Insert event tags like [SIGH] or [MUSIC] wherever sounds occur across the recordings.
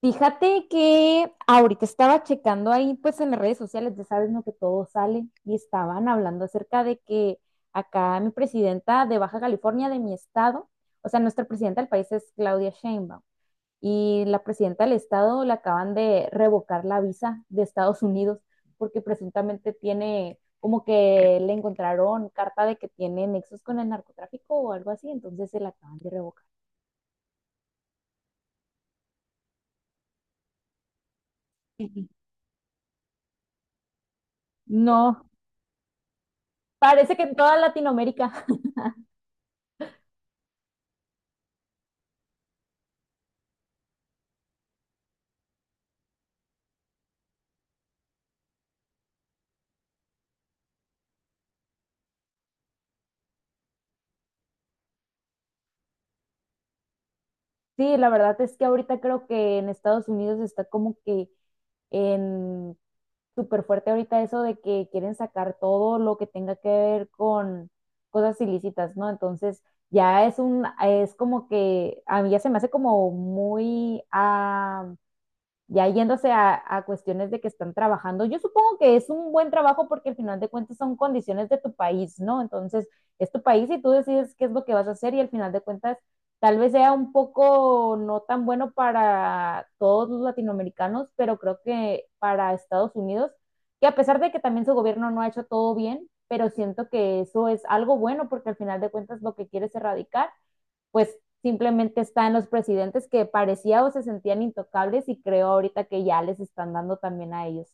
Fíjate que ahorita estaba checando ahí, pues en las redes sociales, ya sabes, no que todo sale, y estaban hablando acerca de que acá mi presidenta de Baja California, de mi estado, o sea, nuestra presidenta del país es Claudia Sheinbaum, y la presidenta del estado le acaban de revocar la visa de Estados Unidos porque presuntamente tiene, como que le encontraron carta de que tiene nexos con el narcotráfico o algo así, entonces se la acaban de revocar. No, parece que en toda Latinoamérica. Sí, la verdad es que ahorita creo que en Estados Unidos está como que en súper fuerte ahorita eso de que quieren sacar todo lo que tenga que ver con cosas ilícitas, ¿no? Entonces ya es un, es como que a mí ya se me hace como muy, ya yéndose a cuestiones de que están trabajando, yo supongo que es un buen trabajo porque al final de cuentas son condiciones de tu país, ¿no? Entonces, es tu país y tú decides qué es lo que vas a hacer y al final de cuentas tal vez sea un poco no tan bueno para todos los latinoamericanos, pero creo que para Estados Unidos, que a pesar de que también su gobierno no ha hecho todo bien, pero siento que eso es algo bueno porque al final de cuentas lo que quiere es erradicar pues simplemente está en los presidentes que parecía o se sentían intocables y creo ahorita que ya les están dando también a ellos.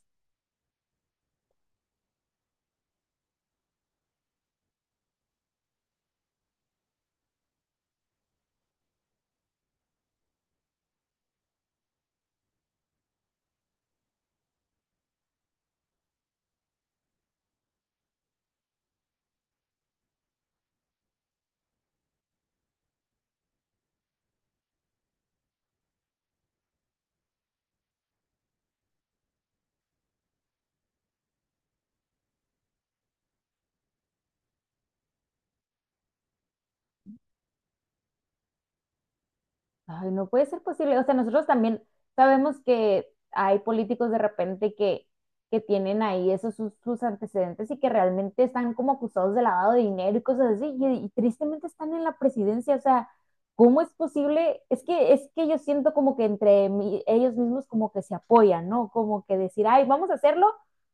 Ay, no puede ser posible. O sea, nosotros también sabemos que hay políticos de repente que tienen ahí esos sus antecedentes y que realmente están como acusados de lavado de dinero y cosas así, y tristemente están en la presidencia. O sea, ¿cómo es posible? Es que yo siento como que entre ellos mismos como que se apoyan, ¿no? Como que decir, ay, vamos a hacerlo,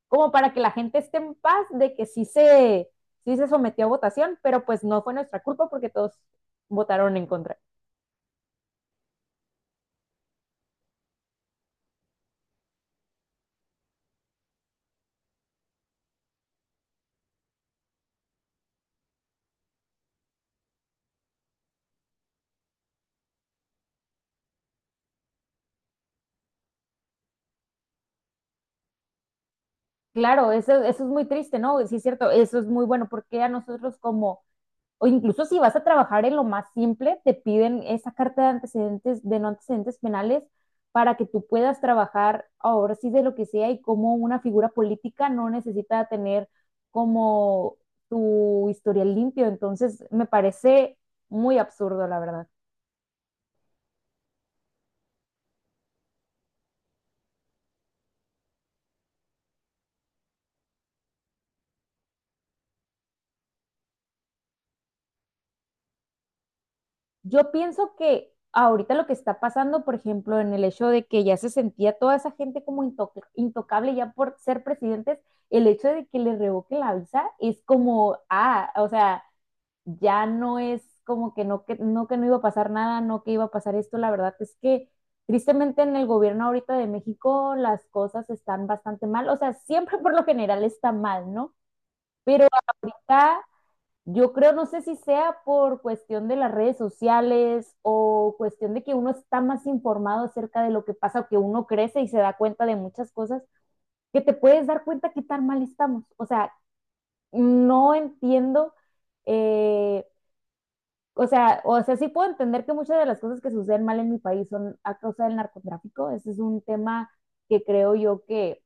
como para que la gente esté en paz de que sí se sometió a votación, pero pues no fue nuestra culpa porque todos votaron en contra. Claro, eso es muy triste, ¿no? Sí, es cierto, eso es muy bueno porque a nosotros como, o incluso si vas a trabajar en lo más simple, te piden esa carta de antecedentes, de no antecedentes penales, para que tú puedas trabajar ahora sí de lo que sea y como una figura política no necesita tener como tu historial limpio. Entonces, me parece muy absurdo, la verdad. Yo pienso que ahorita lo que está pasando, por ejemplo, en el hecho de que ya se sentía toda esa gente como intocable ya por ser presidentes, el hecho de que le revoquen la visa es como, o sea, ya no es como que que no iba a pasar nada, no que iba a pasar esto. La verdad es que tristemente en el gobierno ahorita de México las cosas están bastante mal. O sea, siempre [LAUGHS] por lo general está mal, ¿no? Pero ahorita yo creo, no sé si sea por cuestión de las redes sociales o cuestión de que uno está más informado acerca de lo que pasa, que uno crece y se da cuenta de muchas cosas, que te puedes dar cuenta qué tan mal estamos. O sea, no entiendo, eh, o sea, sí puedo entender que muchas de las cosas que suceden mal en mi país son a causa del narcotráfico. Ese es un tema que creo yo que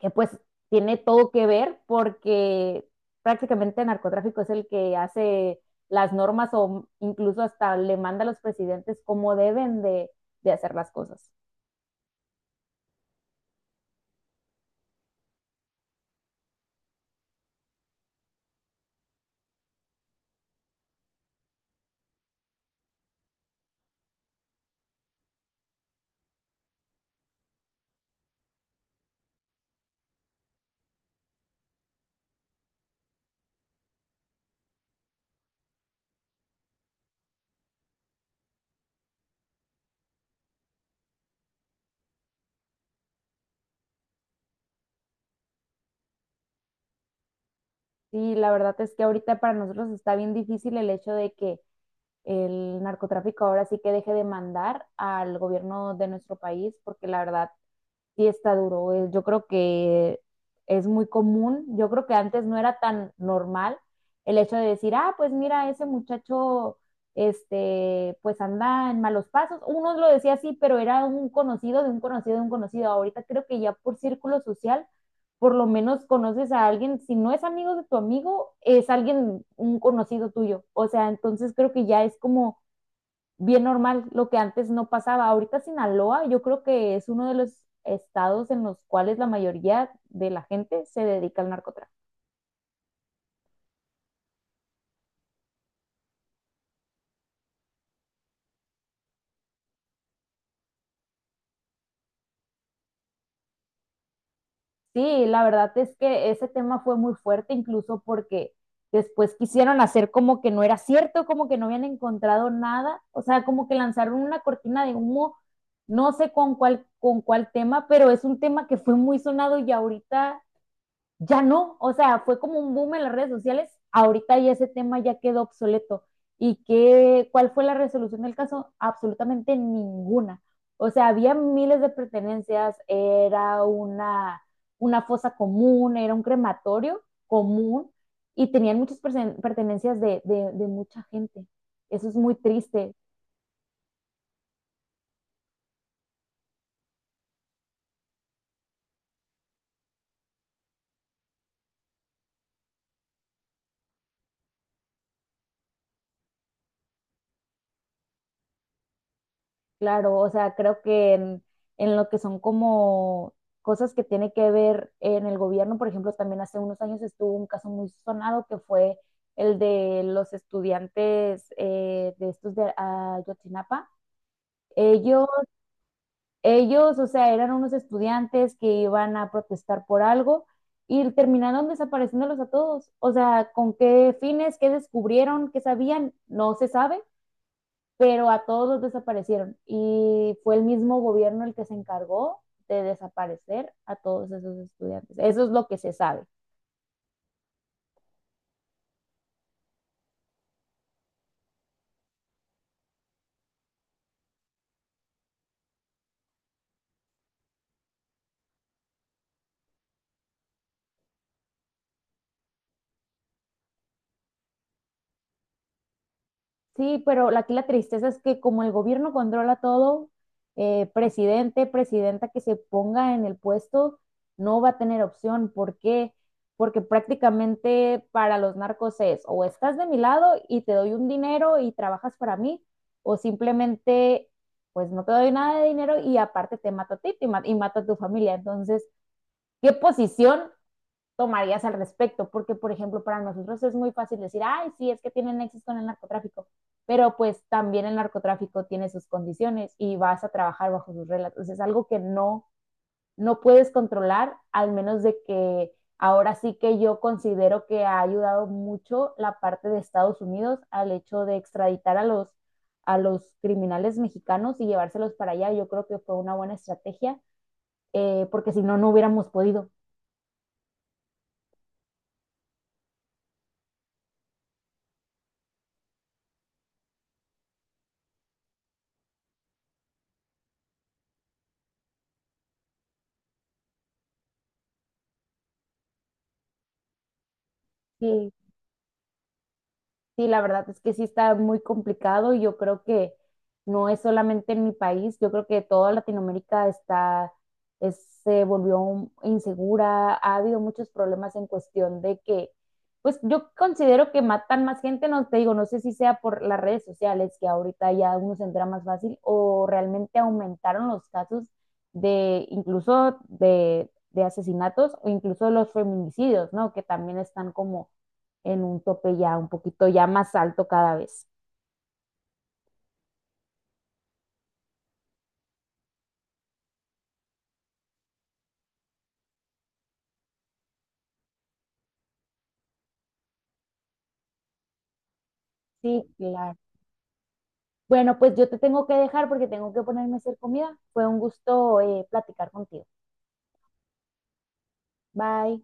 que pues tiene todo que ver porque prácticamente el narcotráfico es el que hace las normas o incluso hasta le manda a los presidentes cómo deben de hacer las cosas. Sí, la verdad es que ahorita para nosotros está bien difícil el hecho de que el narcotráfico ahora sí que deje de mandar al gobierno de nuestro país, porque la verdad sí está duro. Yo creo que es muy común. Yo creo que antes no era tan normal el hecho de decir, ah, pues mira, ese muchacho, este, pues anda en malos pasos. Uno lo decía así, pero era un conocido de un conocido de un conocido. Ahorita creo que ya por círculo social, por lo menos conoces a alguien. Si no es amigo de tu amigo, es alguien, un conocido tuyo. O sea, entonces creo que ya es como bien normal, lo que antes no pasaba. Ahorita Sinaloa yo creo que es uno de los estados en los cuales la mayoría de la gente se dedica al narcotráfico. Sí, la verdad es que ese tema fue muy fuerte, incluso porque después quisieron hacer como que no era cierto, como que no habían encontrado nada, o sea, como que lanzaron una cortina de humo, no sé con cuál tema, pero es un tema que fue muy sonado y ahorita ya no, o sea, fue como un boom en las redes sociales, ahorita ya ese tema ya quedó obsoleto. ¿Y qué, cuál fue la resolución del caso? Absolutamente ninguna. O sea, había miles de pertenencias, una fosa común, era un crematorio común y tenían muchas pertenencias de mucha gente. Eso es muy triste. Claro, o sea, creo que en lo que son como cosas que tiene que ver en el gobierno, por ejemplo, también hace unos años estuvo un caso muy sonado que fue el de los estudiantes de estos de Ayotzinapa. Ellos, ellos, o sea, eran unos estudiantes que iban a protestar por algo y terminaron desapareciéndolos a todos. O sea, ¿con qué fines? ¿Qué descubrieron? ¿Qué sabían? No se sabe, pero a todos los desaparecieron y fue el mismo gobierno el que se encargó de desaparecer a todos esos estudiantes. Eso es lo que se sabe. Sí, pero aquí la tristeza es que como el gobierno controla todo, presidente, presidenta que se ponga en el puesto no va a tener opción. ¿Por qué? Porque prácticamente para los narcos es o estás de mi lado y te doy un dinero y trabajas para mí, o simplemente pues no te doy nada de dinero y aparte te mato a ti y mato a tu familia. Entonces, ¿qué posición tomarías al respecto? Porque por ejemplo para nosotros es muy fácil decir, ay, sí, es que tienen nexos con el narcotráfico, pero pues también el narcotráfico tiene sus condiciones y vas a trabajar bajo sus reglas, entonces es algo que no, no puedes controlar, al menos de que ahora sí que yo considero que ha ayudado mucho la parte de Estados Unidos al hecho de extraditar a a los criminales mexicanos y llevárselos para allá, yo creo que fue una buena estrategia, porque si no, no hubiéramos podido. Sí, Sí, la verdad es que sí está muy complicado y yo creo que no es solamente en mi país, yo creo que toda Latinoamérica está, es- se volvió insegura, ha habido muchos problemas en cuestión de que, pues yo considero que matan más gente, no te digo, no sé si sea por las redes sociales, que ahorita ya uno se entera más fácil, o realmente aumentaron los casos de incluso de asesinatos o incluso los feminicidios, ¿no? Que también están como en un tope ya un poquito ya más alto cada vez. Sí, claro. Bueno, pues yo te tengo que dejar porque tengo que ponerme a hacer comida. Fue un gusto platicar contigo. Bye.